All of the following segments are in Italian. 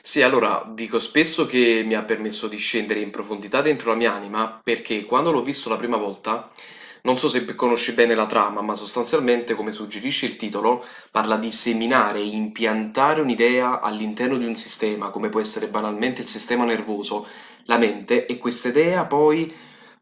Sì, allora dico spesso che mi ha permesso di scendere in profondità dentro la mia anima, perché quando l'ho visto la prima volta, non so se conosci bene la trama, ma sostanzialmente, come suggerisce il titolo, parla di seminare, impiantare un'idea all'interno di un sistema, come può essere banalmente il sistema nervoso, la mente, e questa idea poi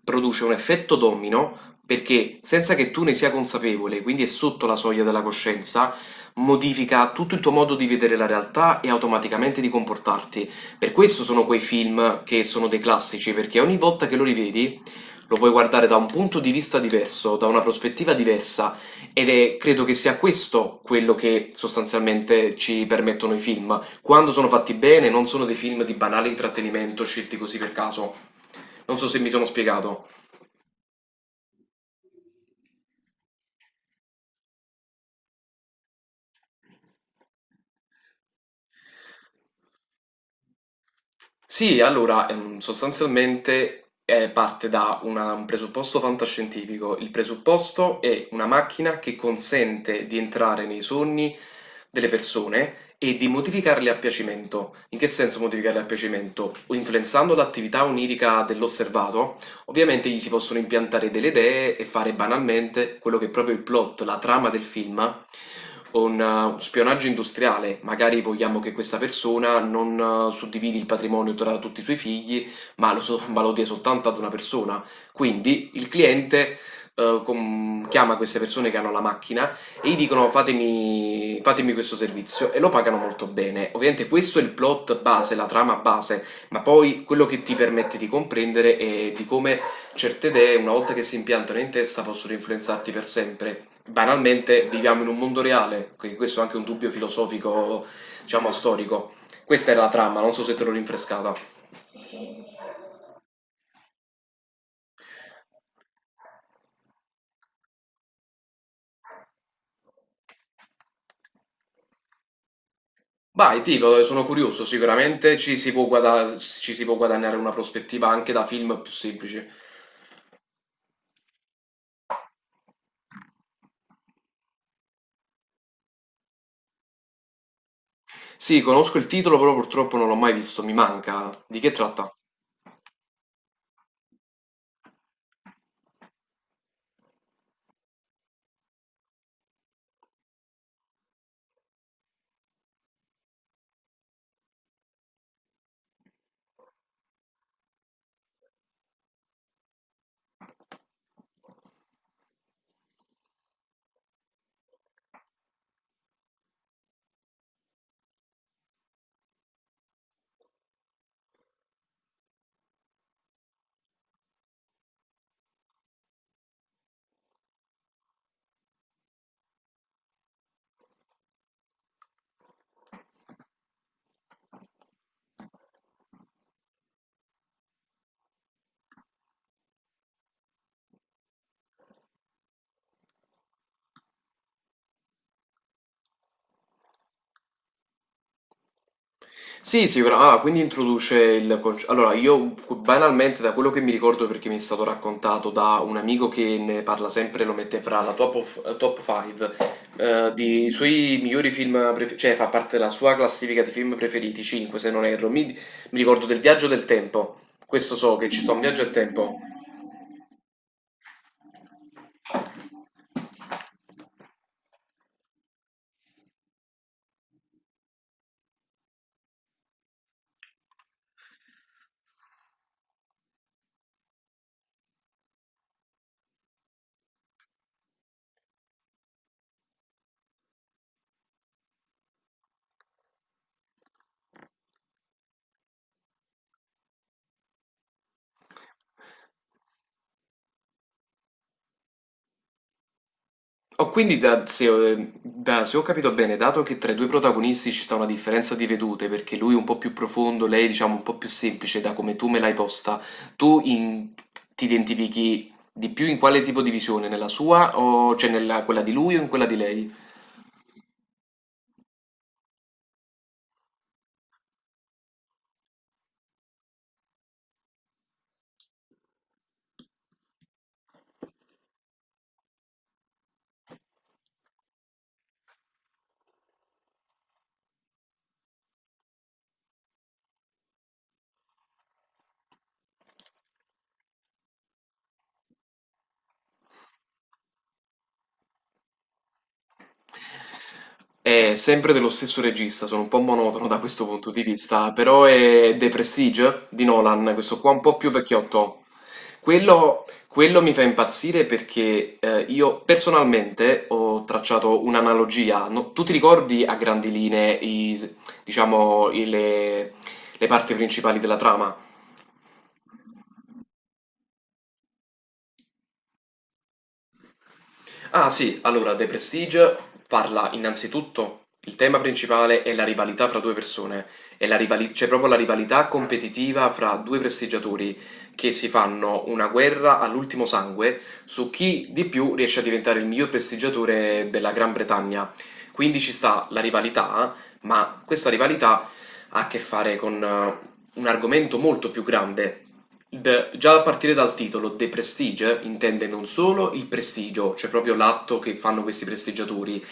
produce un effetto domino perché senza che tu ne sia consapevole, quindi è sotto la soglia della coscienza, modifica tutto il tuo modo di vedere la realtà e automaticamente di comportarti. Per questo sono quei film che sono dei classici, perché ogni volta che lo rivedi lo puoi guardare da un punto di vista diverso, da una prospettiva diversa, ed è, credo che sia questo quello che sostanzialmente ci permettono i film. Quando sono fatti bene, non sono dei film di banale intrattenimento scelti così per caso. Non so se mi sono spiegato. Sì, allora, sostanzialmente parte da un presupposto fantascientifico. Il presupposto è una macchina che consente di entrare nei sogni delle persone e di modificarli a piacimento. In che senso modificarli a piacimento? O influenzando l'attività onirica dell'osservato, ovviamente gli si possono impiantare delle idee e fare banalmente quello che è proprio il plot, la trama del film, un spionaggio industriale. Magari vogliamo che questa persona non suddividi il patrimonio tra tutti i suoi figli, ma ma lo dia soltanto ad una persona. Quindi il cliente chiama queste persone che hanno la macchina e gli dicono fatemi, fatemi questo servizio e lo pagano molto bene. Ovviamente questo è il plot base, la trama base, ma poi quello che ti permette di comprendere è di come certe idee, una volta che si impiantano in testa, possono influenzarti per sempre. Banalmente, viviamo in un mondo reale, quindi questo è anche un dubbio filosofico, diciamo, storico. Questa era la trama, non so se te l'ho rinfrescata. Vai, dico, sono curioso, sicuramente ci si può guadagnare una prospettiva anche da film più semplici. Sì, conosco il titolo, però purtroppo non l'ho mai visto, mi manca. Di che tratta? Sì, sicura ah, quindi introduce il conce allora io cu banalmente da quello che mi ricordo perché mi è stato raccontato da un amico che ne parla sempre, lo mette fra la top 5, dei suoi migliori film pref cioè fa parte della sua classifica di film preferiti, 5 se non erro. Mi ricordo del Viaggio del tempo, questo so che ci sta un viaggio del tempo. Oh, quindi da, se, se ho capito bene, dato che tra i due protagonisti ci sta una differenza di vedute, perché lui è un po' più profondo, lei diciamo un po' più semplice, da come tu me l'hai posta, tu in- ti identifichi di più in quale tipo di visione? Nella sua, o, cioè nella quella di lui o in quella di lei? È sempre dello stesso regista, sono un po' monotono da questo punto di vista, però è The Prestige di Nolan, questo qua un po' più vecchiotto. Quello mi fa impazzire perché io personalmente ho tracciato un'analogia. Tu ti ricordi a grandi linee diciamo, le parti principali della trama? Ah sì, allora The Prestige parla innanzitutto, il tema principale è la rivalità fra due persone, è c'è proprio la rivalità competitiva fra due prestigiatori che si fanno una guerra all'ultimo sangue su chi di più riesce a diventare il miglior prestigiatore della Gran Bretagna. Quindi ci sta la rivalità, ma questa rivalità ha a che fare con un argomento molto più grande. The Già a partire dal titolo, The Prestige, intende non solo il prestigio, cioè proprio l'atto che fanno questi prestigiatori,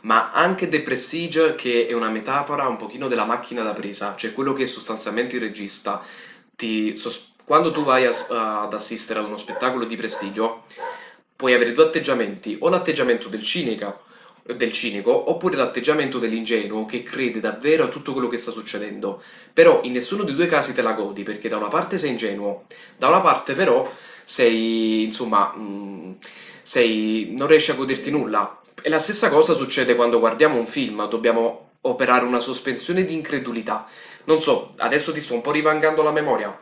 ma anche The Prestige, che è una metafora un pochino della macchina da presa, cioè quello che sostanzialmente il regista quando tu ad assistere ad uno spettacolo di prestigio, puoi avere due atteggiamenti, o l'atteggiamento del cinica, del cinico, oppure l'atteggiamento dell'ingenuo che crede davvero a tutto quello che sta succedendo. Però in nessuno dei due casi te la godi, perché da una parte sei ingenuo, da una parte però sei, insomma, sei, non riesci a goderti nulla, e la stessa cosa succede quando guardiamo un film, dobbiamo operare una sospensione di incredulità. Non so, adesso ti sto un po' rivangando la memoria.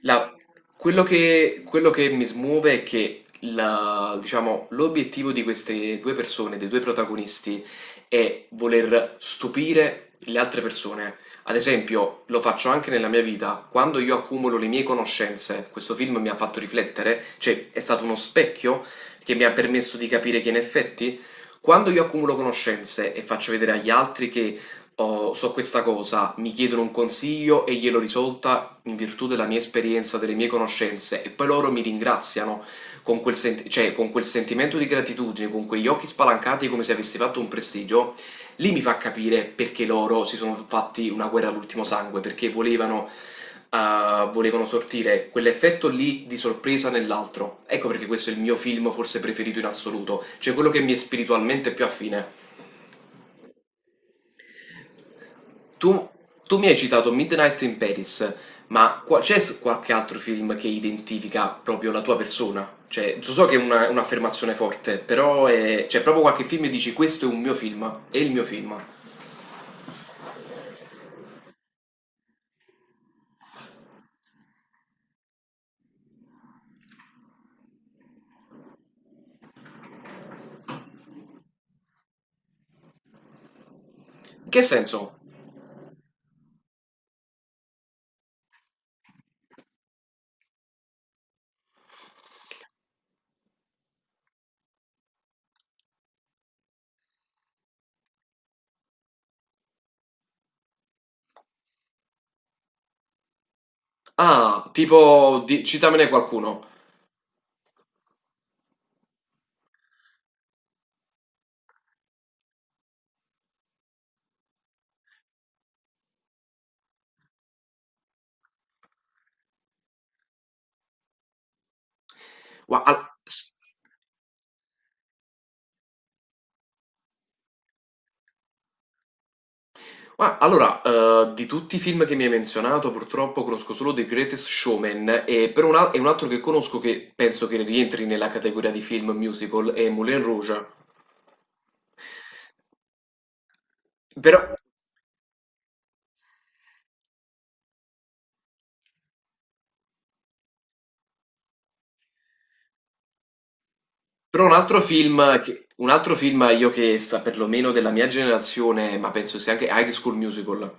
La- quello che mi smuove è che diciamo, l'obiettivo di queste due persone, dei due protagonisti, è voler stupire le altre persone. Ad esempio, lo faccio anche nella mia vita, quando io accumulo le mie conoscenze, questo film mi ha fatto riflettere, cioè è stato uno specchio che mi ha permesso di capire che in effetti, quando io accumulo conoscenze e faccio vedere agli altri che oh, so questa cosa, mi chiedono un consiglio e glielo risolta in virtù della mia esperienza, delle mie conoscenze, e poi loro mi ringraziano con cioè, con quel sentimento di gratitudine, con quegli occhi spalancati come se avessi fatto un prestigio, lì mi fa capire perché loro si sono fatti una guerra all'ultimo sangue, perché volevano, volevano sortire quell'effetto lì di sorpresa nell'altro. Ecco perché questo è il mio film forse preferito in assoluto, cioè quello che mi è spiritualmente più affine. Tu tu mi hai citato Midnight in Paris, ma qualche altro film che identifica proprio la tua persona? Cioè, so so che è un'affermazione forte, però c'è proprio qualche film e dici questo è un mio film, è il mio film. In che senso? Ah, tipo, citamene qualcuno. Gua- al- s- allora, di tutti i film che mi hai menzionato, purtroppo conosco solo The Greatest Showman e per un, al- e un altro che conosco che penso che rientri nella categoria di film musical è Moulin Rouge. Però però un altro film che un altro film io che sa perlomeno della mia generazione, ma penso sia anche High School Musical.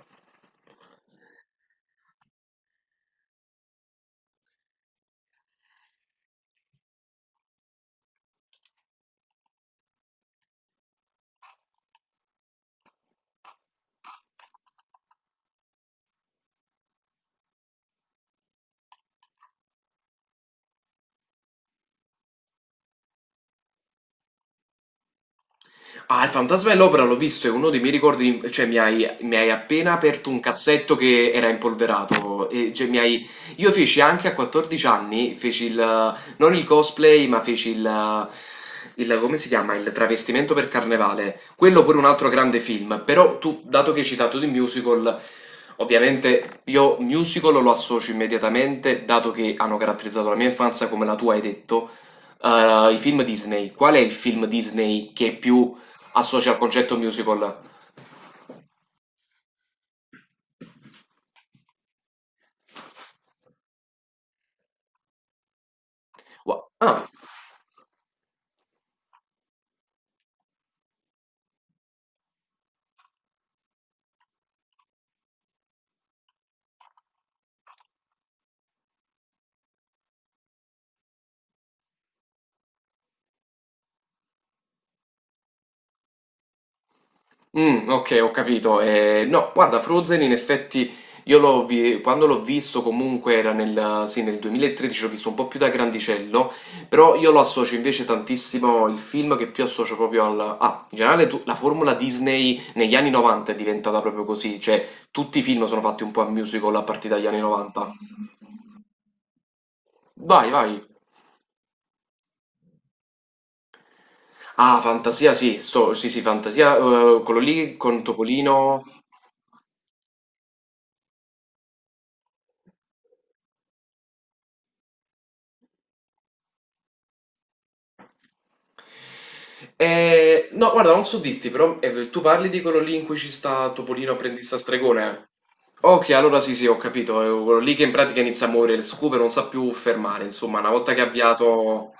Ah, il Fantasma dell'Opera l'ho visto, è uno dei miei ricordi, cioè mi hai appena aperto un cassetto che era impolverato, e, cioè, io feci anche a 14 anni, feci il, non il cosplay, ma feci il, come si chiama, il travestimento per carnevale, quello pure un altro grande film, però tu, dato che hai citato di musical, ovviamente io musical lo associo immediatamente, dato che hanno caratterizzato la mia infanzia come la tua hai detto, i film Disney, qual è il film Disney che più associa al concetto musical. Gua- Ah, ok, ho capito. No, guarda, Frozen in effetti quando l'ho visto comunque era nel, sì, nel 2013, l'ho visto un po' più da grandicello, però io lo associo invece tantissimo, il film che più associo proprio al... Ah, in generale la formula Disney negli anni 90 è diventata proprio così, cioè tutti i film sono fatti un po' a musical a partire dagli anni 90. Vai, vai. Ah, Fantasia, sì, sì, Fantasia, quello lì con Topolino... no, guarda, non so dirti, però tu parli di quello lì in cui ci sta Topolino apprendista stregone? Ok, allora sì, sì, ho capito. È quello lì che in pratica inizia a muovere le scupe, non sa più fermare, insomma, una volta che ha avviato...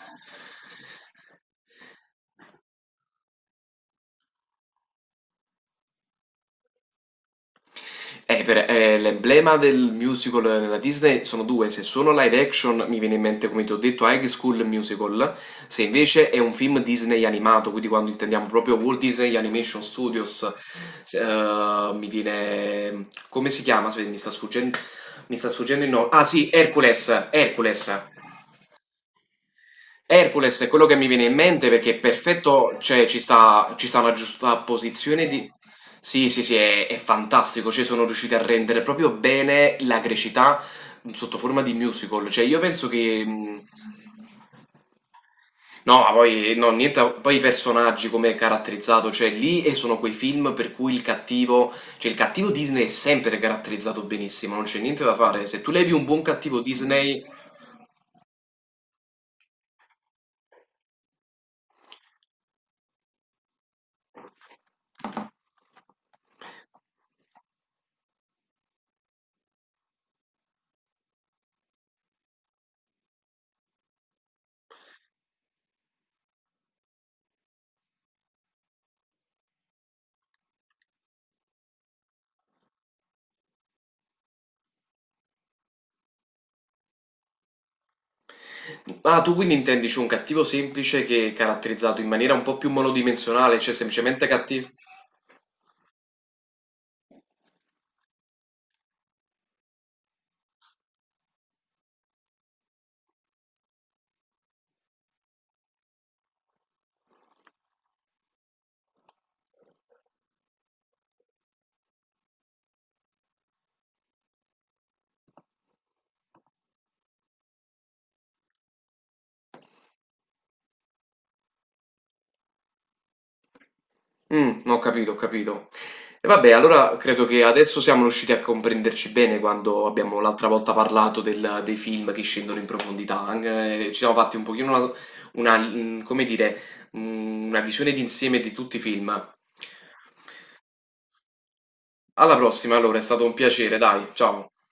L'emblema del musical nella Disney sono due, se sono live action mi viene in mente, come ti ho detto, High School Musical, se invece è un film Disney animato, quindi quando intendiamo proprio Walt Disney Animation Studios, mi viene... come si chiama? Aspetta, mi sta sfuggendo il nome. Ah sì, Hercules, Hercules. Hercules è quello che mi viene in mente perché è perfetto, cioè ci sta una giusta posizione di... Sì, sì, sì, è fantastico, cioè sono riusciti a rendere proprio bene la grecità sotto forma di musical, cioè io penso che... no, ma poi, no, niente, poi i personaggi come è caratterizzato, cioè lì e sono quei film per cui il cattivo, cioè il cattivo Disney è sempre caratterizzato benissimo, non c'è niente da fare, se tu levi un buon cattivo Disney. Ah, tu quindi intendi c'è un cattivo semplice che è caratterizzato in maniera un po' più monodimensionale, cioè semplicemente cattivo? Mm, ho capito, ho capito. E vabbè, allora credo che adesso siamo riusciti a comprenderci bene quando abbiamo l'altra volta parlato dei film che scendono in profondità. Anche, ci siamo fatti un pochino una, come dire, una visione d'insieme di tutti i film. Alla prossima, allora, è stato un piacere, dai, ciao.